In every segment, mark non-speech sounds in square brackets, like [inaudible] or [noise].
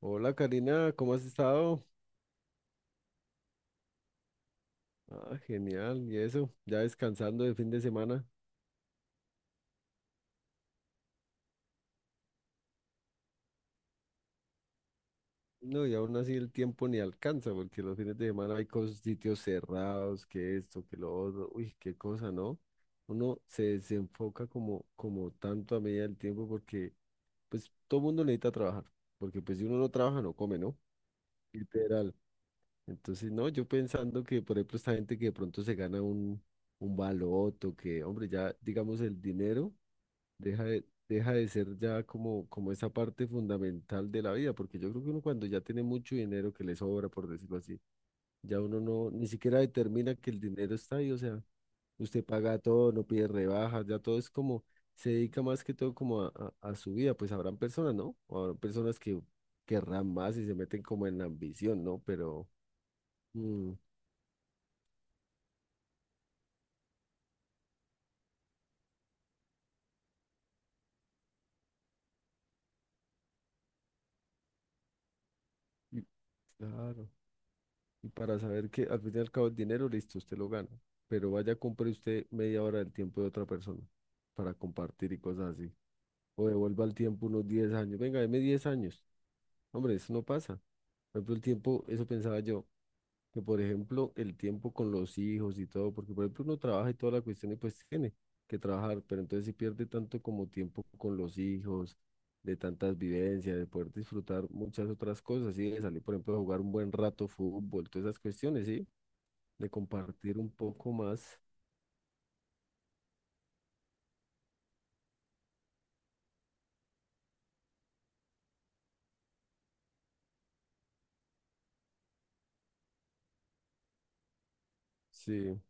Hola Karina, ¿cómo has estado? Ah, genial, y eso, ya descansando de fin de semana. No, y aún así el tiempo ni alcanza, porque los fines de semana hay sitios cerrados, que esto, que lo otro, uy, qué cosa, ¿no? Uno se desenfoca como tanto a medida del tiempo, porque pues todo mundo necesita trabajar, porque pues si uno no trabaja, no come, ¿no? Literal. Entonces, no, yo pensando que, por ejemplo, esta gente que de pronto se gana un baloto, que, hombre, ya digamos el dinero. Deja de ser ya como, como esa parte fundamental de la vida, porque yo creo que uno cuando ya tiene mucho dinero que le sobra, por decirlo así, ya uno no, ni siquiera determina que el dinero está ahí, o sea, usted paga todo, no pide rebajas, ya todo es como, se dedica más que todo como a su vida, pues habrán personas, ¿no? O habrán personas que querrán más y se meten como en la ambición, ¿no? Pero, mm, y- claro. Y para saber que al fin y al cabo el dinero, listo, usted lo gana. Pero vaya, compre usted media hora del tiempo de otra persona para compartir y cosas así. O devuelva el tiempo unos 10 años. Venga, deme 10 años. Hombre, eso no pasa. Por ejemplo, el tiempo, eso pensaba yo, que por ejemplo, el tiempo con los hijos y todo, porque por ejemplo uno trabaja y toda la cuestión y pues tiene que trabajar, pero entonces si pierde tanto como tiempo con los hijos, de tantas vivencias, de poder disfrutar muchas otras cosas, y de salir, por ejemplo, a jugar un buen rato fútbol, todas esas cuestiones, ¿sí? De compartir un poco más. Sí,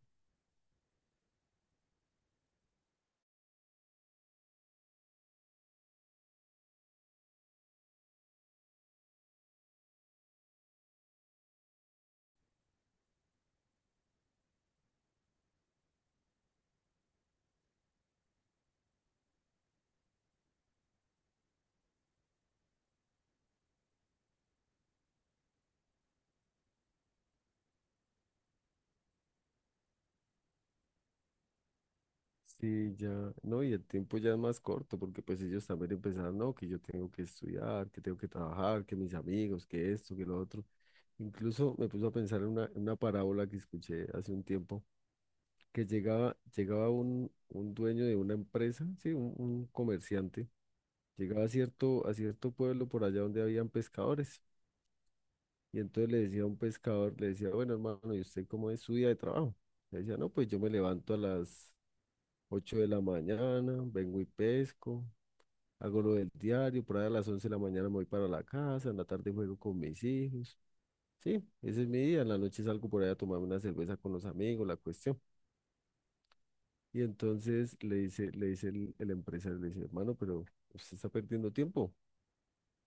sí, ya, no, y el tiempo ya es más corto porque pues ellos también empezaron, no, que yo tengo que estudiar, que tengo que trabajar, que mis amigos, que esto, que lo otro. Incluso me puso a pensar en en una parábola que escuché hace un tiempo, que llegaba un dueño de una empresa, sí, un comerciante, llegaba a cierto pueblo por allá donde habían pescadores. Y entonces le decía a un pescador, le decía, bueno, hermano, ¿y usted cómo es su día de trabajo? Le decía, no, pues yo me levanto a las 8 de la mañana, vengo y pesco, hago lo del diario, por ahí a las 11 de la mañana me voy para la casa, en la tarde juego con mis hijos. Sí, ese es mi día, en la noche salgo por ahí a tomarme una cerveza con los amigos, la cuestión. Y entonces le dice el empresario, le dice, hermano, pero usted está perdiendo tiempo.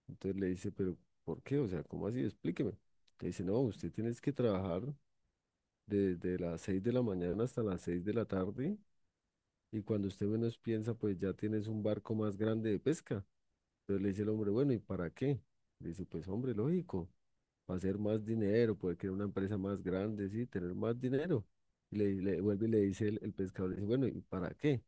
Entonces le dice, pero ¿por qué? O sea, ¿cómo así? Explíqueme. Le dice, no, usted tiene que trabajar desde las 6 de la mañana hasta las 6 de la tarde, y cuando usted menos piensa, pues ya tienes un barco más grande de pesca. Entonces le dice el hombre, bueno, ¿y para qué? Le dice, pues hombre, lógico, para hacer más dinero, poder crear una empresa más grande, sí, tener más dinero. Y le vuelve y le dice el pescador, le dice, bueno, ¿y para qué?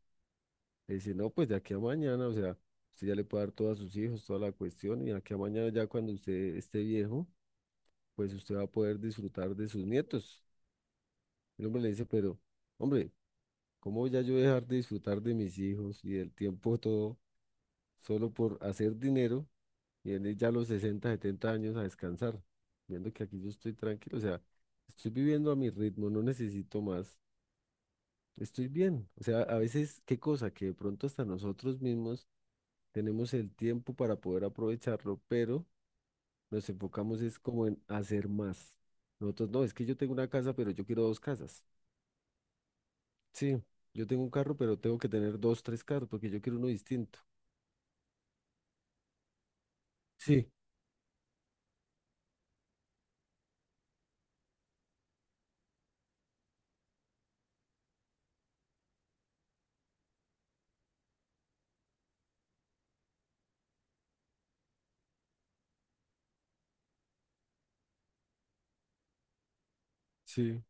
Le dice, no, pues de aquí a mañana, o sea, usted ya le puede dar todo a sus hijos, toda la cuestión, y de aquí a mañana ya cuando usted esté viejo, pues usted va a poder disfrutar de sus nietos. El hombre le dice, pero, hombre, ¿cómo voy a yo dejar de disfrutar de mis hijos y del tiempo todo solo por hacer dinero y venir ya a los 60-70 años a descansar? Viendo que aquí yo estoy tranquilo, o sea, estoy viviendo a mi ritmo, no necesito más, estoy bien. O sea, a veces, qué cosa, que de pronto hasta nosotros mismos tenemos el tiempo para poder aprovecharlo, pero nos enfocamos es como en hacer más. Nosotros, no, es que yo tengo una casa, pero yo quiero dos casas. Sí, yo tengo un carro, pero tengo que tener dos, tres carros, porque yo quiero uno distinto. Sí, sí,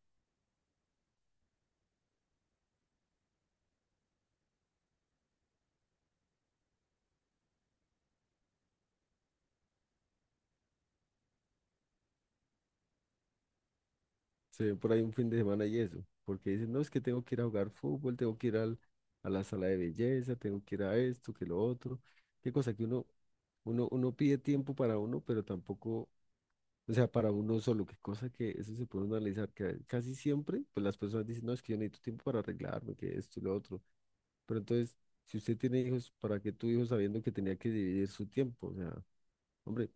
se ve por ahí un fin de semana y eso, porque dicen, no, es que tengo que ir a jugar fútbol, tengo que ir al- a la sala de belleza, tengo que ir a esto, que lo otro, qué cosa que uno pide tiempo para uno, pero tampoco, o sea, para uno solo, qué cosa que eso se puede uno analizar, que casi siempre, pues las personas dicen, no, es que yo necesito tiempo para arreglarme, que esto y lo otro, pero entonces, si usted tiene hijos, ¿para qué tuvo hijos sabiendo que tenía que dividir su tiempo? O sea, hombre,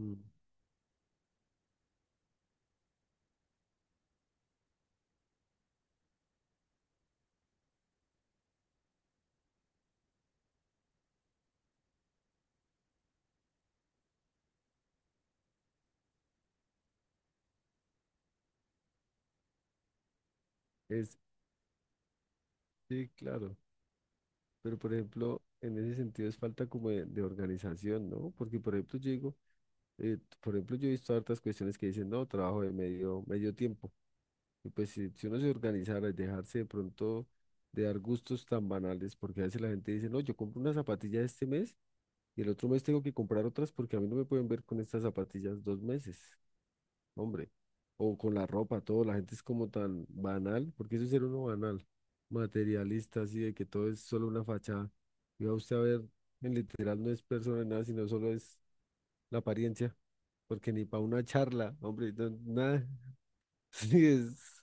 mm, es, sí, claro. Pero, por ejemplo, en ese sentido es falta como de organización, ¿no? Porque, por ejemplo, yo digo, por ejemplo, yo he visto hartas cuestiones que dicen, no, trabajo de medio tiempo. Y pues si uno se organizara y dejarse de pronto de dar gustos tan banales, porque a veces la gente dice, no, yo compro una zapatilla este mes y el otro mes tengo que comprar otras porque a mí no me pueden ver con estas zapatillas 2 meses hombre. O con la ropa, todo. La gente es como tan banal, porque eso es ser uno banal, materialista, así de que todo es solo una fachada. Y va usted a ver, en literal no es persona ni nada, sino solo es la apariencia, porque ni para una charla, hombre, nada. [laughs] Sí,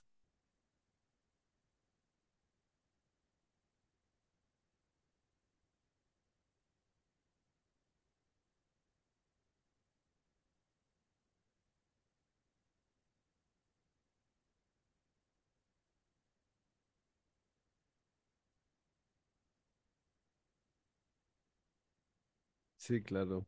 sí, claro.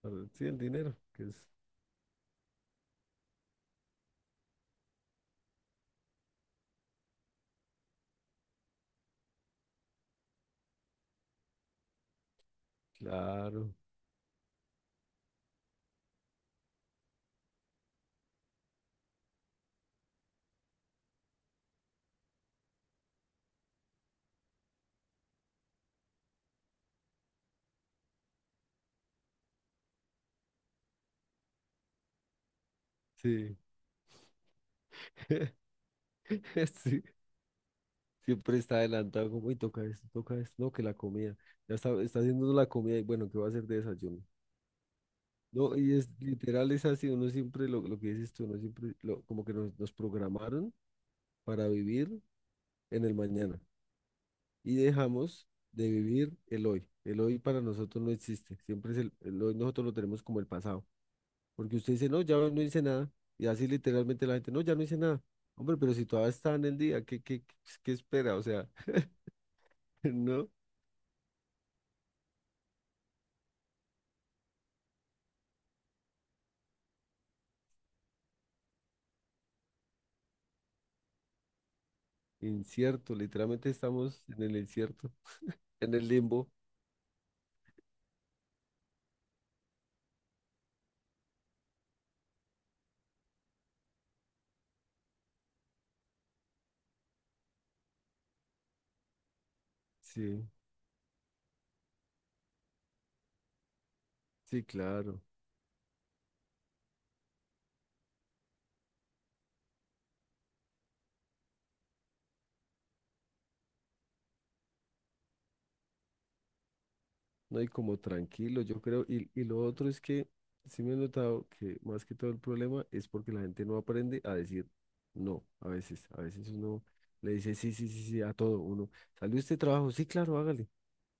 Claro, sí, el dinero, que es, claro, sí. [laughs] Sí, siempre está adelantado, como, y toca esto, no, que la comida. Ya está haciendo la comida y bueno, ¿qué va a hacer de desayuno? No, y es literal, es así, uno siempre, lo que dices tú, uno siempre, como que nos programaron para vivir en el mañana y dejamos de vivir el hoy. El hoy para nosotros no existe, siempre es el hoy nosotros lo tenemos como el pasado, porque usted dice, no, ya hoy no hice nada, y así literalmente la gente, no, ya no hice nada. Hombre, pero si todavía está en el día, qué espera? O sea, [laughs] no, incierto, literalmente estamos en el incierto, en el limbo. Sí, sí, claro. No, y como tranquilo, yo creo. Y lo otro es que sí me he notado que más que todo el problema es porque la gente no aprende a decir no. A veces uno le dice sí, sí, sí, sí a todo. Uno, ¿salió este trabajo? Sí, claro, hágale.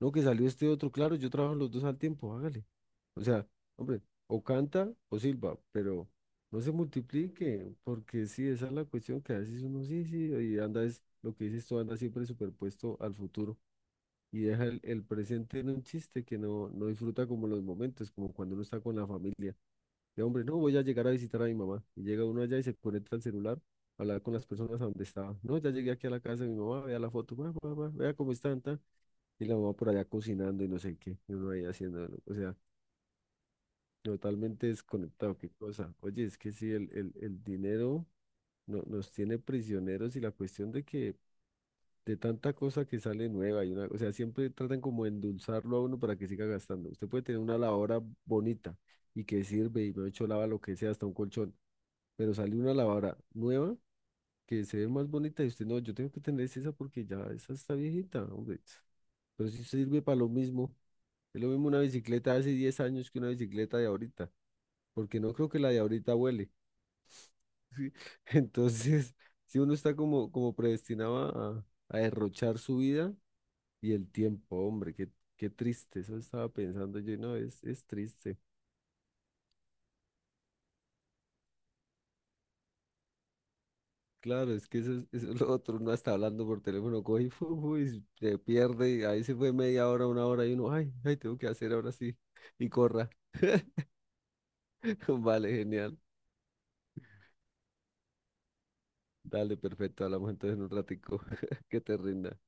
No, que salió este otro, claro, yo trabajo los dos al tiempo, hágale. O sea, hombre, o canta o silba, pero no se multiplique, porque sí, esa es la cuestión que a veces uno sí, sí, y anda es lo que dices tú, anda siempre superpuesto al futuro y deja el presente en un chiste que no, no disfruta como los momentos, como cuando uno está con la familia. De hombre, no voy a llegar a visitar a mi mamá. Y llega uno allá y se conecta al celular, a hablar con las personas a donde estaba. No, ya llegué aquí a la casa de mi mamá, vea la foto, mamá, mamá, vea cómo están, ta". Y la mamá por allá cocinando y no sé qué, y uno ahí haciendo, ¿no? o sea, totalmente desconectado, qué cosa. Oye, es que sí, el dinero no, nos tiene prisioneros y la cuestión de que de tanta cosa que sale nueva y una, o sea, siempre tratan como de endulzarlo a uno para que siga gastando. Usted puede tener una lavadora bonita y que sirve y me ha hecho lava lo que sea, hasta un colchón, pero sale una lavadora nueva que se ve más bonita y usted no, yo tengo que tener esa porque ya esa está viejita, hombre. Pero si sirve para lo mismo, es lo mismo una bicicleta de hace 10 años que una bicicleta de ahorita, porque no creo que la de ahorita huele. ¿Sí? [laughs] Entonces, si uno está como, como predestinado a derrochar su vida, y el tiempo, hombre, qué triste, eso estaba pensando yo, no, es triste. Claro, es que eso es lo otro, uno está hablando por teléfono, coge y, fu, y se pierde, y ahí se fue media hora, una hora, y uno, ay, ay, tengo que hacer ahora sí, y corra. [laughs] Vale, genial. Dale, perfecto, hablamos entonces en un ratico, [laughs] que te rinda.